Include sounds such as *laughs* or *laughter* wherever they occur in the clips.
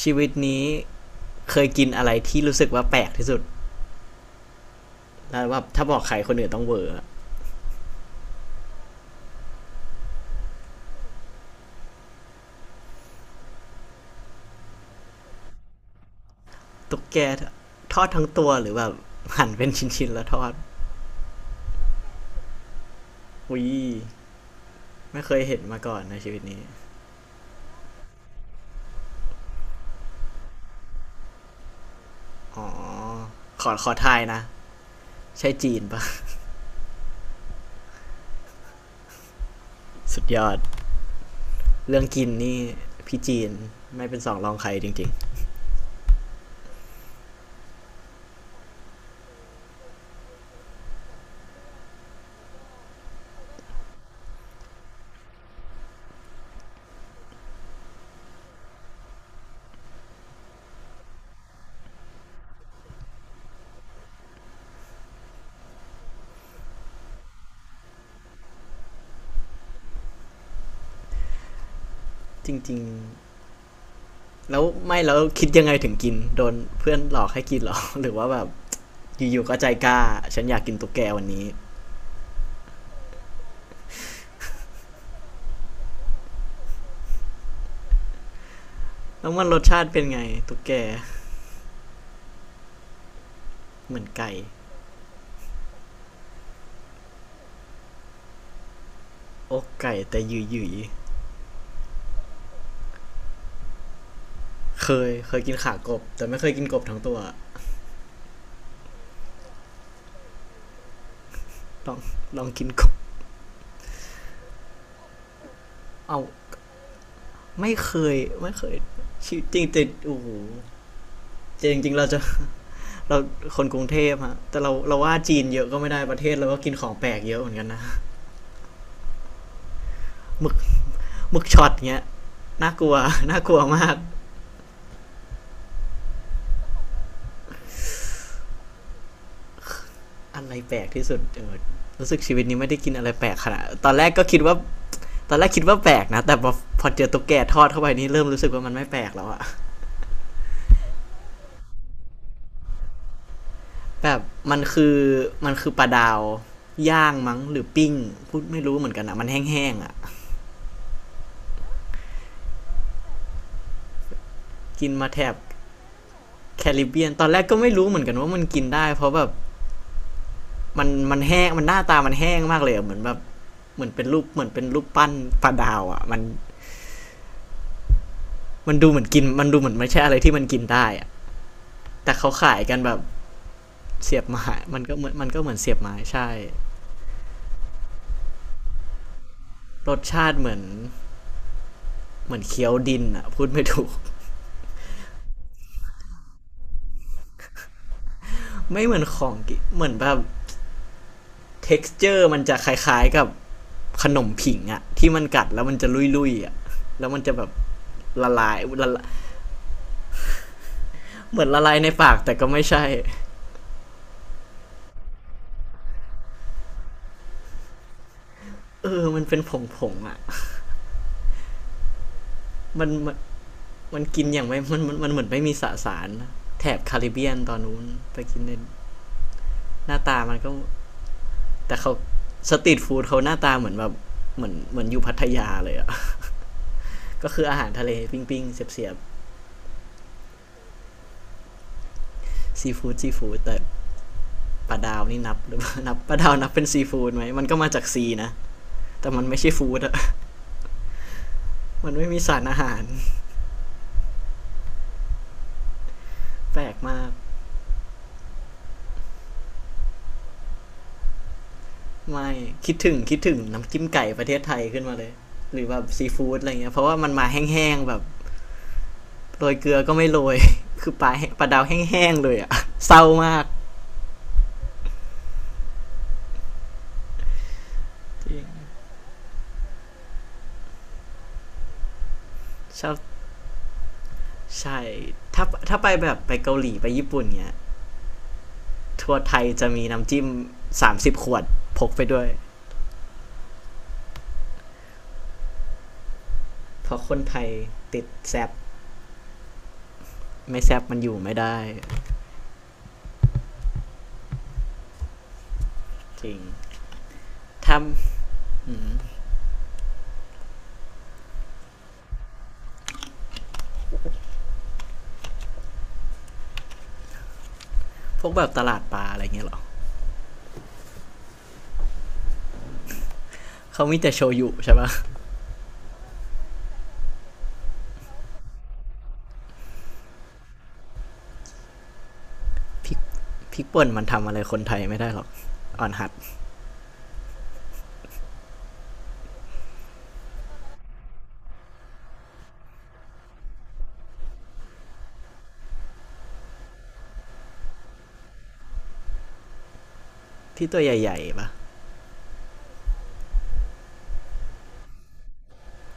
ชีวิตนี้เคยกินอะไรที่รู้สึกว่าแปลกที่สุดแล้วแบบถ้าบอกใครคนอื่นต้องเวอร์อตุ๊กแกทอดทั้งตัวหรือแบบหั่นเป็นชิ้นๆแล้วทอดอุ้ยไม่เคยเห็นมาก่อนในชีวิตนี้อ๋อขอทายนะใช่จีนปะ *laughs* สุดยอดเรื่องกินนี่พี่จีนไม่เป็นสองรองใครจริงๆจริงๆแล้วไม่แล้วคิดยังไงถึงกินโดนเพื่อนหลอกให้กินหรอ *laughs* หรือว่าแบบอยู่ๆก็ใจกล้าฉันอยากกินตุ๊กแกวันนี้แล้วมันรสชาติเป็นไงตุ๊กแก เหมือนไก่อกไก่แต่หยืยยๆเคยกินขากบแต่ไม่เคยกินกบทั้งตัวลองลองกินกบเอาไม่เคยไม่เคยจริงจริงโอ้โหจริงจริงๆเราจะเราคนกรุงเทพฮะแต่เราว่าจีนเยอะก็ไม่ได้ประเทศเราก็กินของแปลกเยอะเหมือนกันนะหมึกหมึกช็อตเงี้ยน่ากลัวน่ากลัวมากอะไรแปลกที่สุดเออรู้สึกชีวิตนี้ไม่ได้กินอะไรแปลกขนาดตอนแรกคิดว่าแปลกนะแต่พอเจอตุ๊กแกทอดเข้าไปนี่เริ่มรู้สึกว่ามันไม่แปลกแล้วอะ แบบมันคือมันคือปลาดาวย่างมั้งหรือปิ้งพูดไม่รู้เหมือนกันอะมันแห้งๆอะกินมาแถบแคริบเบียนตอนแรกก็ไม่รู้เหมือนกันว่ามันกินได้เพราะแบบมันแห้งมันหน้าตามันแห้งมากเลยเหมือนแบบเหมือนเป็นรูปปั้นปลาดาวอะมันมันดูเหมือนกินมันดูเหมือนไม่ใช่อะไรที่มันกินได้อะแต่เขาขายกันแบบเสียบไม้มันก็เหมือนเสียบไม้ใช่รสชาติเหมือนเคี้ยวดินอะพูดไม่ถูกไม่เหมือนของกินเหมือนแบบ เท็กซเจอร์มันจะคล้ายๆกับขนมผิงอะที่มันกัดแล้วมันจะลุยๆอะแล้วมันจะแบบละลายละลายเหมือนละลายในปากแต่ก็ไม่ใช่เออมันเป็นผงๆอะมันมันมันกินอย่างไม่มันเหมือนไม่มีสสารนแถบคาริบเบียนตอนนู้นไปกินในหน้าตามันก็แต่เขาสตรีทฟู้ดเขาหน้าตาเหมือนแบบเหมือนอยู่พัทยาเลยอะก็คืออาหารทะเลปิ้งๆเสียบๆซีฟู้ดซีฟู้ดแต่ ปลาดาวนี่นับหรือเปล่า *laughs* นับปลาดาวนับเป็นซีฟู้ดไหมมันก็มาจากซีนะ แต่มันไม่ใช่ฟู้ดอะ *laughs* มันไม่มีสารอาหารแปลกมาก ไม่ คิดถึงน้ำจิ้มไก่ประเทศไทยขึ้นมาเลย หรือแบบซีฟู้ดอะไรเงี้ยเพราะว่ามันมาแห้งๆแบบโรยเกลือก็ไม่โรย *laughs* คือปลาแห้งปลาดาวแห้งๆเลยอะ *laughs* เศร้ามากจริงชอบใช่ถ้าถ้าไปแบบไปเกาหลีไปญี่ปุ่นเงี้ยทัวร์ไทยจะมีน้ำจิ้ม30 ขวดพกไปด้วยเพราะคนไทยติดแซบไม่แซบมันอยู่ไม่ได้ จริง ทำพวกแบบตลาดปลาอะไรเงี้ยหรอ เขามีแต่โชยุใช่ปะพริกพริกป่นมันทำอะไรคนไทยไม่ได้หรอกอ่อนหัดที่ตัวใหญ่ๆปะ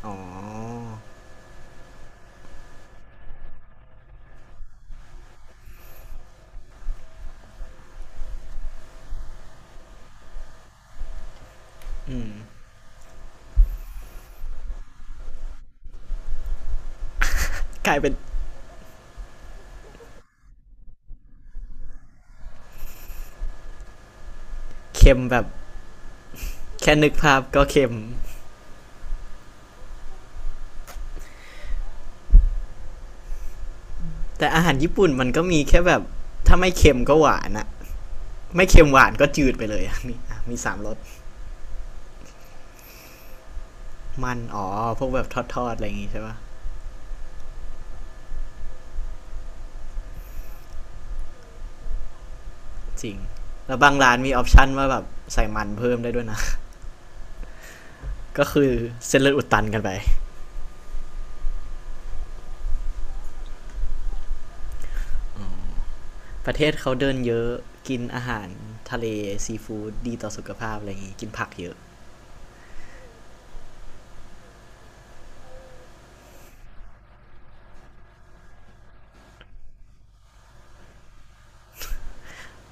อ๋อกลายเป็นเค็มแบบแค่นึกภาพก็เค็ม แต่อาหารญี่ปุ่นมันก็มีแค่แบบถ้าไม่เค็มก็หวานอะไม่เค็มหวานก็จืดไปเลยอะ *laughs* มีอ่ะมีสามรสมันอ๋อ พวกแบบทอดๆอะไรอย่างงี้ใช่ปะจริงแล้วบางร้านมีออปชันว่าแบบใส่มันเพิ่มได้ด้วยนะ *laughs* ก็คือเส้นเลือดอุดตันกันไป ประเทศเขาเดินเยอะกินอาหารทะเลซีฟู้ดดีต่อสุขภาพอะไรอย่างงี้กินผักเยอะ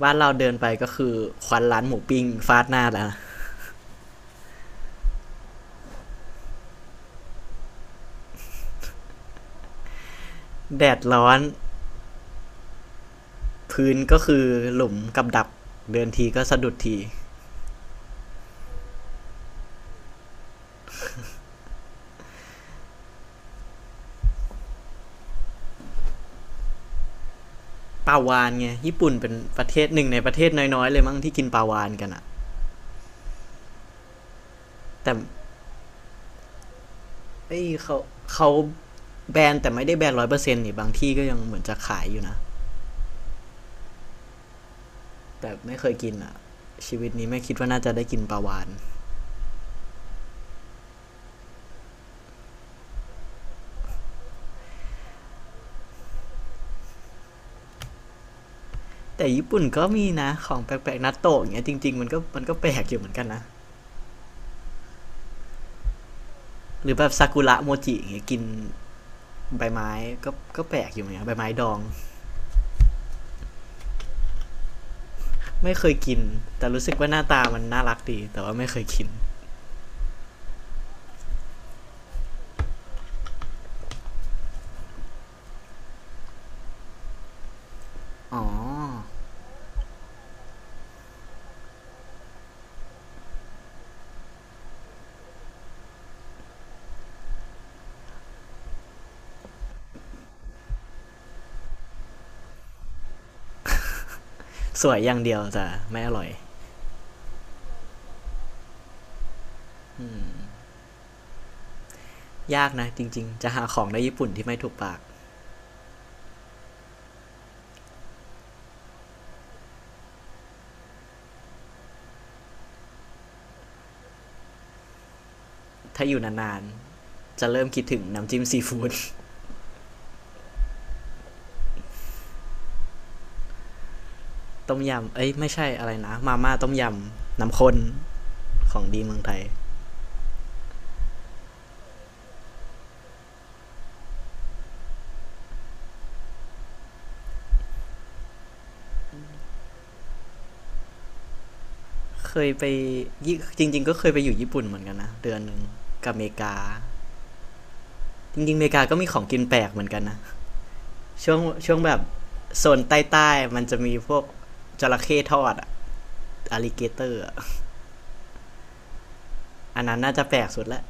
บ้านเราเดินไปก็คือควันร้านหมูปิ้งฟาดหน้าแล้วะแดดร้อนพื้นก็คือหลุมกับดักเดินทีก็สะดุดทีปลาวานไงญี่ปุ่นเป็นประเทศหนึ่งในประเทศน้อยๆเลยมั้งที่กินปลาวานกันอะแต่เอ้ยเขาแบนแต่ไม่ได้แบน100%นี่บางที่ก็ยังเหมือนจะขายอยู่นะแต่ไม่เคยกินอะชีวิตนี้ไม่คิดว่าน่าจะได้กินปลาวาน แต่ญี่ปุ่นก็มีนะของแปลกๆนัตโตะอย่างเงี้ยจริงๆมันก็แปลกอยู่เหมือนกันนะหรือแบบซากุระโมจิอย่างเงี้ยกินใบไม้ก็ก็แปลกอยู่เหมือนกันใบไม้ดองไม่เคยกินแต่รู้สึกว่าหน้าตามันน่ารักดีแต่ว่าไม่เคยกินอ๋อสวยอย่างเดียวแต่ไม่อร่อยยากนะจริงๆจะหาของในญี่ปุ่นที่ไม่ถูกปากถ้าอยู่นานๆจะเริ่มคิดถึงน้ำจิ้มซีฟู้ด *laughs* ต้มยำเอ้ยไม่ใช่อะไรนะมาม่าต้มยำน้ำข้นของดีเมืองไทย เคยไปจริงๆก็เคยไปอยู่ญี่ปุ่นเหมือนกันนะเดือนหนึ่งกับอเมริกาจริงๆอเมริกาก็มีของกินแปลกเหมือนกันนะช่วงช่วงแบบโซนใต้ๆมันจะมีพวกจระเข้ทอดอะอลิเกเตอร์อันนั้นน่าจะแปลกสุดละ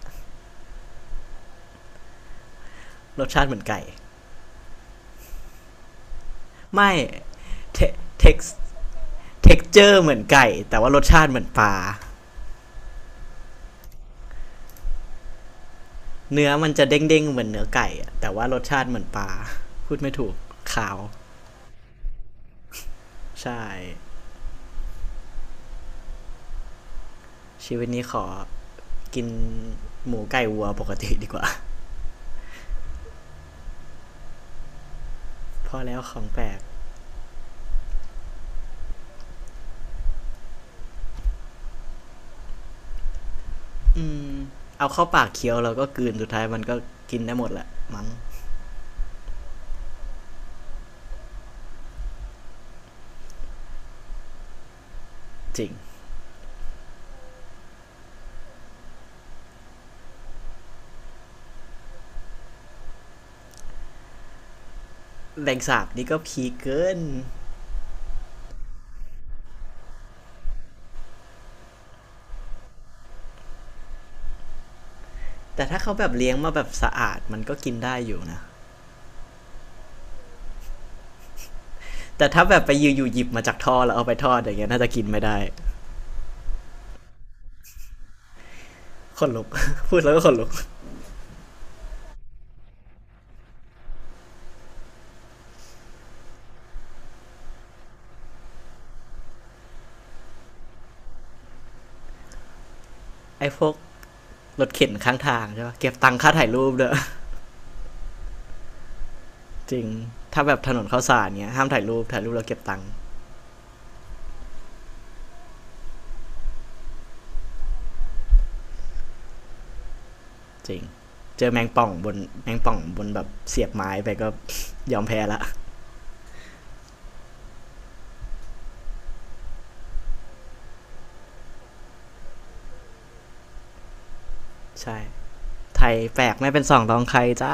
รสชาติเหมือนไก่ไม่เท็กซ์เท็กเจอร์เหมือนไก่แต่ว่ารสชาติเหมือนปลาเนื้อมันจะเด้งๆเหมือนเนื้อไก่แต่ว่ารสชาติเหมือนปลาพูดไม่ถูกขาวใช่ชีวิตนี้ขอ กินหมูไก่วัวปกติดีกว่า *laughs* พอแล้วของแปลกอืมเอาเข้าปากเคี้ยวเราก็กลืนสุดท้ายมันก็กินได้หมดแหละมั้งจริงแรงสาบนี่ก็พีเกินแต่ถ้าเขาแบบเลี้ยงมาแบบสะอาดมันก็กินได้อยู่นะแต่ถ้าแบบไปยื่อยู่หยิบมาจากท่อแล้วเอาไปทอดอย่างเงี้ยน่าจะกินไม่ได้ขนลุก *laughs* พูดแล้วก็ขนลุกไอ้พวกรถเข็นข้างทางใช่ปะเก็บตังค่าถ่ายรูปเด้อ *laughs* จริงถ้าแบบถนนข้าวสารเงี้ยห้ามถ่ายรูปถ่ายรูปแล้วเก็บตังค์ จริงเจอแมงป่องบนแมงป่องบนแบบเสียบไม้ไปก็ยอมแพ้ละ *laughs* ใช่ไทยแปลกไม่เป็นสองรองใครจ้า